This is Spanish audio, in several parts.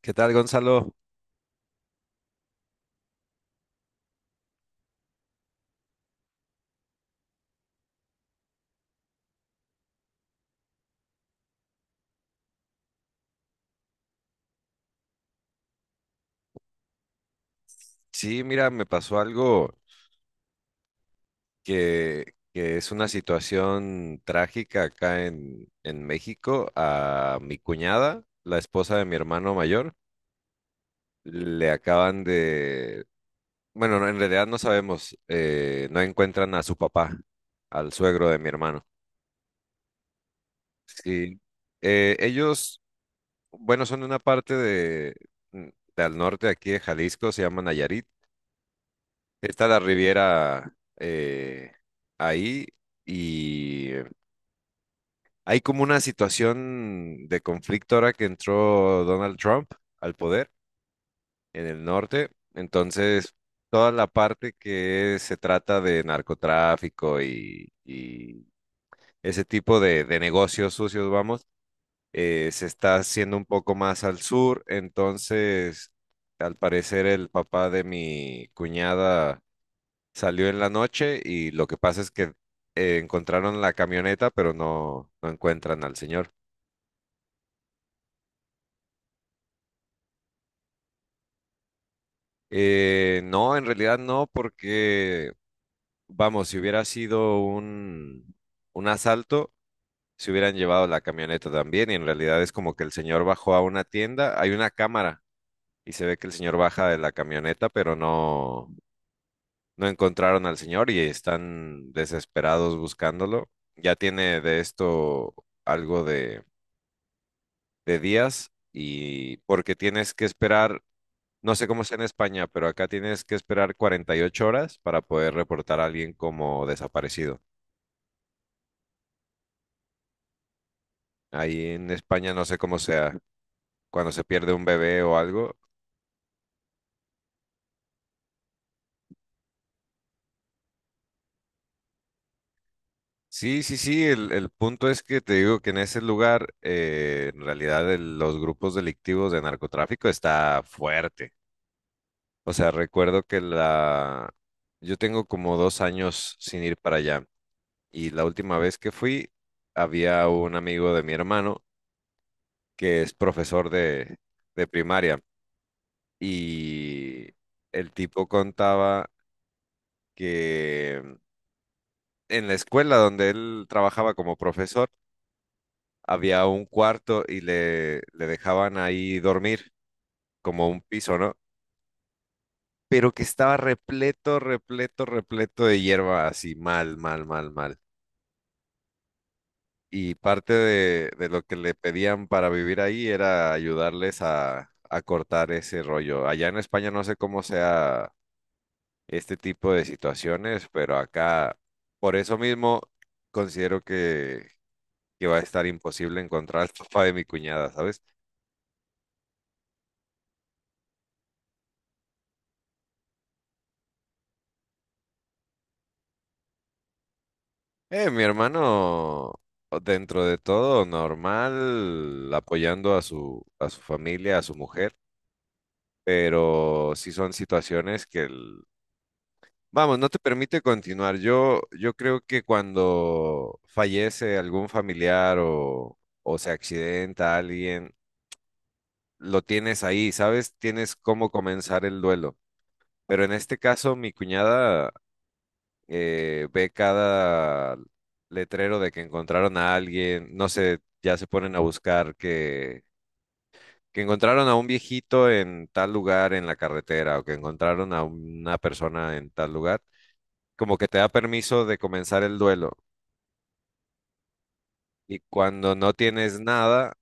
¿Qué tal, Gonzalo? Sí, mira, me pasó algo que es una situación trágica acá en México. A mi cuñada, la esposa de mi hermano mayor, le acaban de... Bueno, no, en realidad no sabemos, no encuentran a su papá, al suegro de mi hermano. Sí. Ellos, bueno, son de una parte de, mm, del norte aquí de Jalisco, se llaman Nayarit. Está la Riviera ahí y hay como una situación de conflicto ahora que entró Donald Trump al poder en el norte. Entonces, toda la parte que se trata de narcotráfico y ese tipo de negocios sucios, vamos, se está haciendo un poco más al sur. Entonces, al parecer, el papá de mi cuñada salió en la noche y lo que pasa es que encontraron la camioneta, pero no, no encuentran al señor. No, en realidad no, porque, vamos, si hubiera sido un asalto, se hubieran llevado la camioneta también. Y en realidad es como que el señor bajó a una tienda, hay una cámara y se ve que el señor baja de la camioneta, pero no, no encontraron al señor y están desesperados buscándolo. Ya tiene de esto algo de días y porque tienes que esperar, no sé cómo es en España, pero acá tienes que esperar 48 horas para poder reportar a alguien como desaparecido. Ahí en España no sé cómo sea, cuando se pierde un bebé o algo. Sí, sí, sí, el punto es que te digo que en ese lugar, en realidad los grupos delictivos de narcotráfico está fuerte. O sea, recuerdo que la... Yo tengo como 2 años sin ir para allá. Y la última vez que fui, había un amigo de mi hermano que es profesor de primaria y el tipo contaba que en la escuela donde él trabajaba como profesor había un cuarto y le dejaban ahí dormir como un piso, ¿no? Pero que estaba repleto, repleto, repleto de hierba, así mal, mal, mal, mal. Y parte de lo que le pedían para vivir ahí era ayudarles a cortar ese rollo. Allá en España no sé cómo sea este tipo de situaciones, pero acá por eso mismo considero que va a estar imposible encontrar al papá de mi cuñada, ¿sabes? Mi hermano, dentro de todo, normal, apoyando a su familia, a su mujer, pero sí son situaciones que... El vamos, no te permite continuar. Yo creo que cuando fallece algún familiar o se accidenta alguien, lo tienes ahí, ¿sabes? Tienes cómo comenzar el duelo. Pero en este caso, mi cuñada ve cada letrero de que encontraron a alguien, no sé, ya se ponen a buscar que encontraron a un viejito en tal lugar en la carretera o que encontraron a una persona en tal lugar. Como que te da permiso de comenzar el duelo. Y cuando no tienes nada,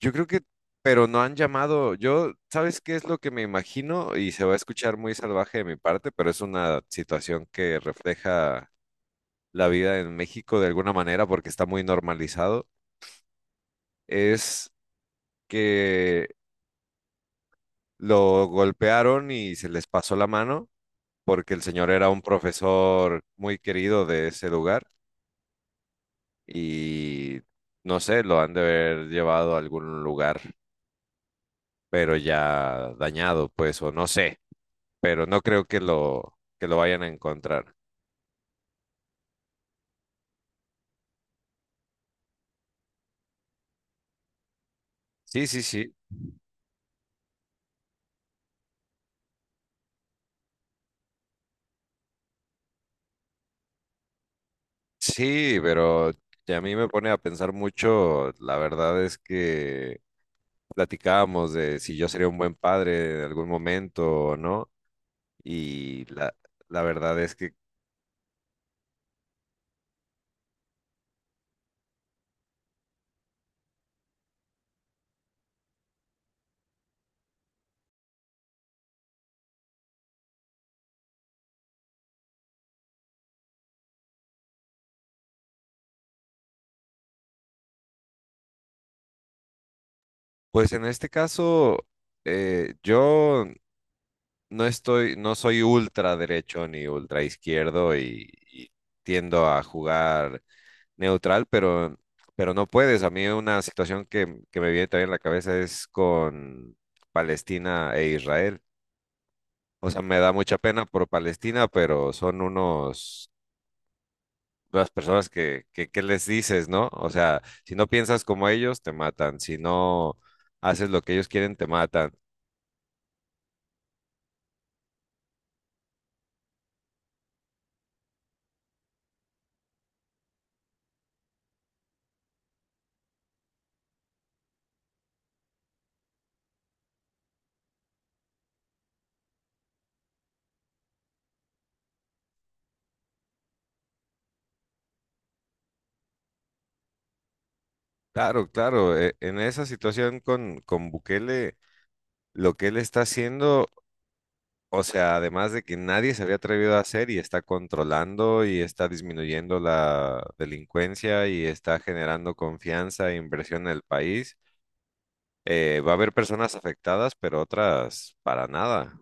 yo creo que, pero no han llamado, yo, ¿sabes qué es lo que me imagino? Y se va a escuchar muy salvaje de mi parte, pero es una situación que refleja la vida en México de alguna manera porque está muy normalizado. Es que lo golpearon y se les pasó la mano porque el señor era un profesor muy querido de ese lugar y no sé, lo han de haber llevado a algún lugar pero ya dañado, pues, o no sé, pero no creo que lo vayan a encontrar. Sí, sí, sí, sí, pero a mí me pone a pensar mucho, la verdad es que platicábamos de si yo sería un buen padre en algún momento o no, y la verdad es que, pues en este caso, yo no estoy, no soy ultra derecho ni ultra izquierdo y tiendo a jugar neutral, pero no puedes. A mí una situación que me viene también a la cabeza es con Palestina e Israel. O sea, me da mucha pena por Palestina, pero son unos, unas personas que, ¿qué les dices, no? O sea, si no piensas como ellos, te matan. Si no haces lo que ellos quieren, te matan. Claro, claro. En esa situación con Bukele, lo que él está haciendo, o sea, además de que nadie se había atrevido a hacer y está controlando y está disminuyendo la delincuencia y está generando confianza e inversión en el país, va a haber personas afectadas, pero otras para nada.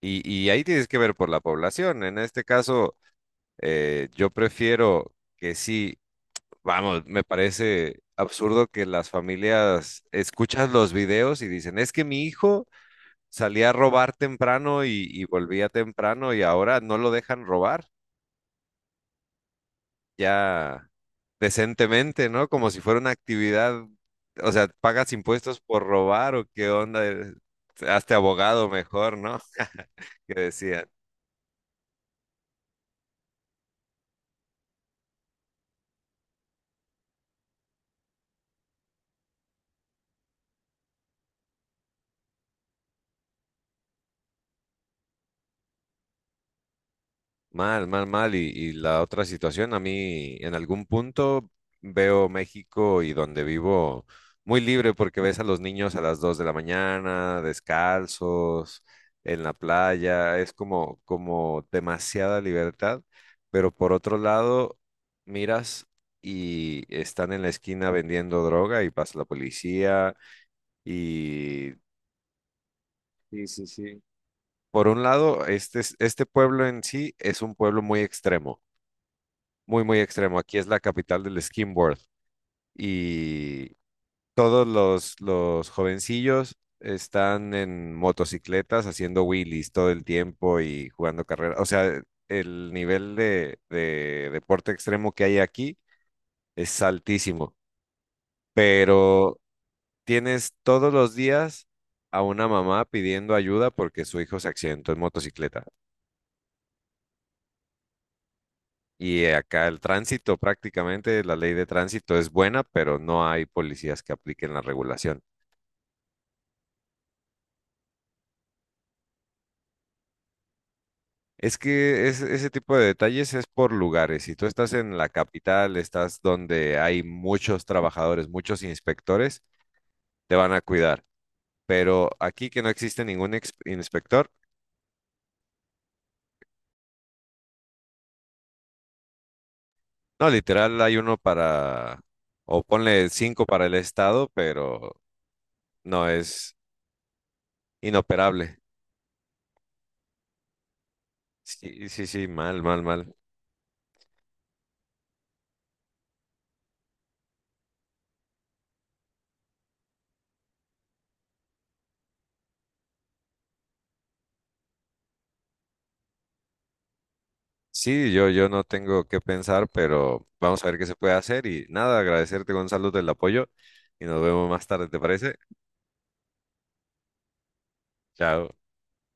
Y ahí tienes que ver por la población. En este caso, yo prefiero que sí, vamos, me parece absurdo que las familias escuchan los videos y dicen, es que mi hijo salía a robar temprano y volvía temprano y ahora no lo dejan robar ya decentemente, ¿no? Como si fuera una actividad, o sea, pagas impuestos por robar o qué onda. Hazte abogado mejor, ¿no? Que decía. Mal, mal, mal. Y la otra situación, a mí en algún punto veo México y donde vivo muy libre porque ves a los niños a las 2 de la mañana, descalzos, en la playa, es como, como demasiada libertad. Pero por otro lado, miras y están en la esquina vendiendo droga y pasa la policía y... Sí, sí, sí. Por un lado, este, este pueblo en sí es un pueblo muy extremo. Muy, muy extremo. Aquí es la capital del skimboard y todos los jovencillos están en motocicletas haciendo wheelies todo el tiempo y jugando carreras. O sea, el nivel de deporte extremo que hay aquí es altísimo, pero tienes todos los días a una mamá pidiendo ayuda porque su hijo se accidentó en motocicleta. Y acá el tránsito, prácticamente la ley de tránsito es buena, pero no hay policías que apliquen la regulación. Es que ese tipo de detalles es por lugares. Si tú estás en la capital, estás donde hay muchos trabajadores, muchos inspectores, te van a cuidar. Pero aquí que no existe ningún inspector, no, literal hay uno para, o ponle 5 para el estado, pero no es inoperable. Sí, sí, sí, mal, mal, mal. Sí, yo no tengo que pensar, pero vamos a ver qué se puede hacer y nada, agradecerte Gonzalo del apoyo y nos vemos más tarde, ¿te parece? Chao.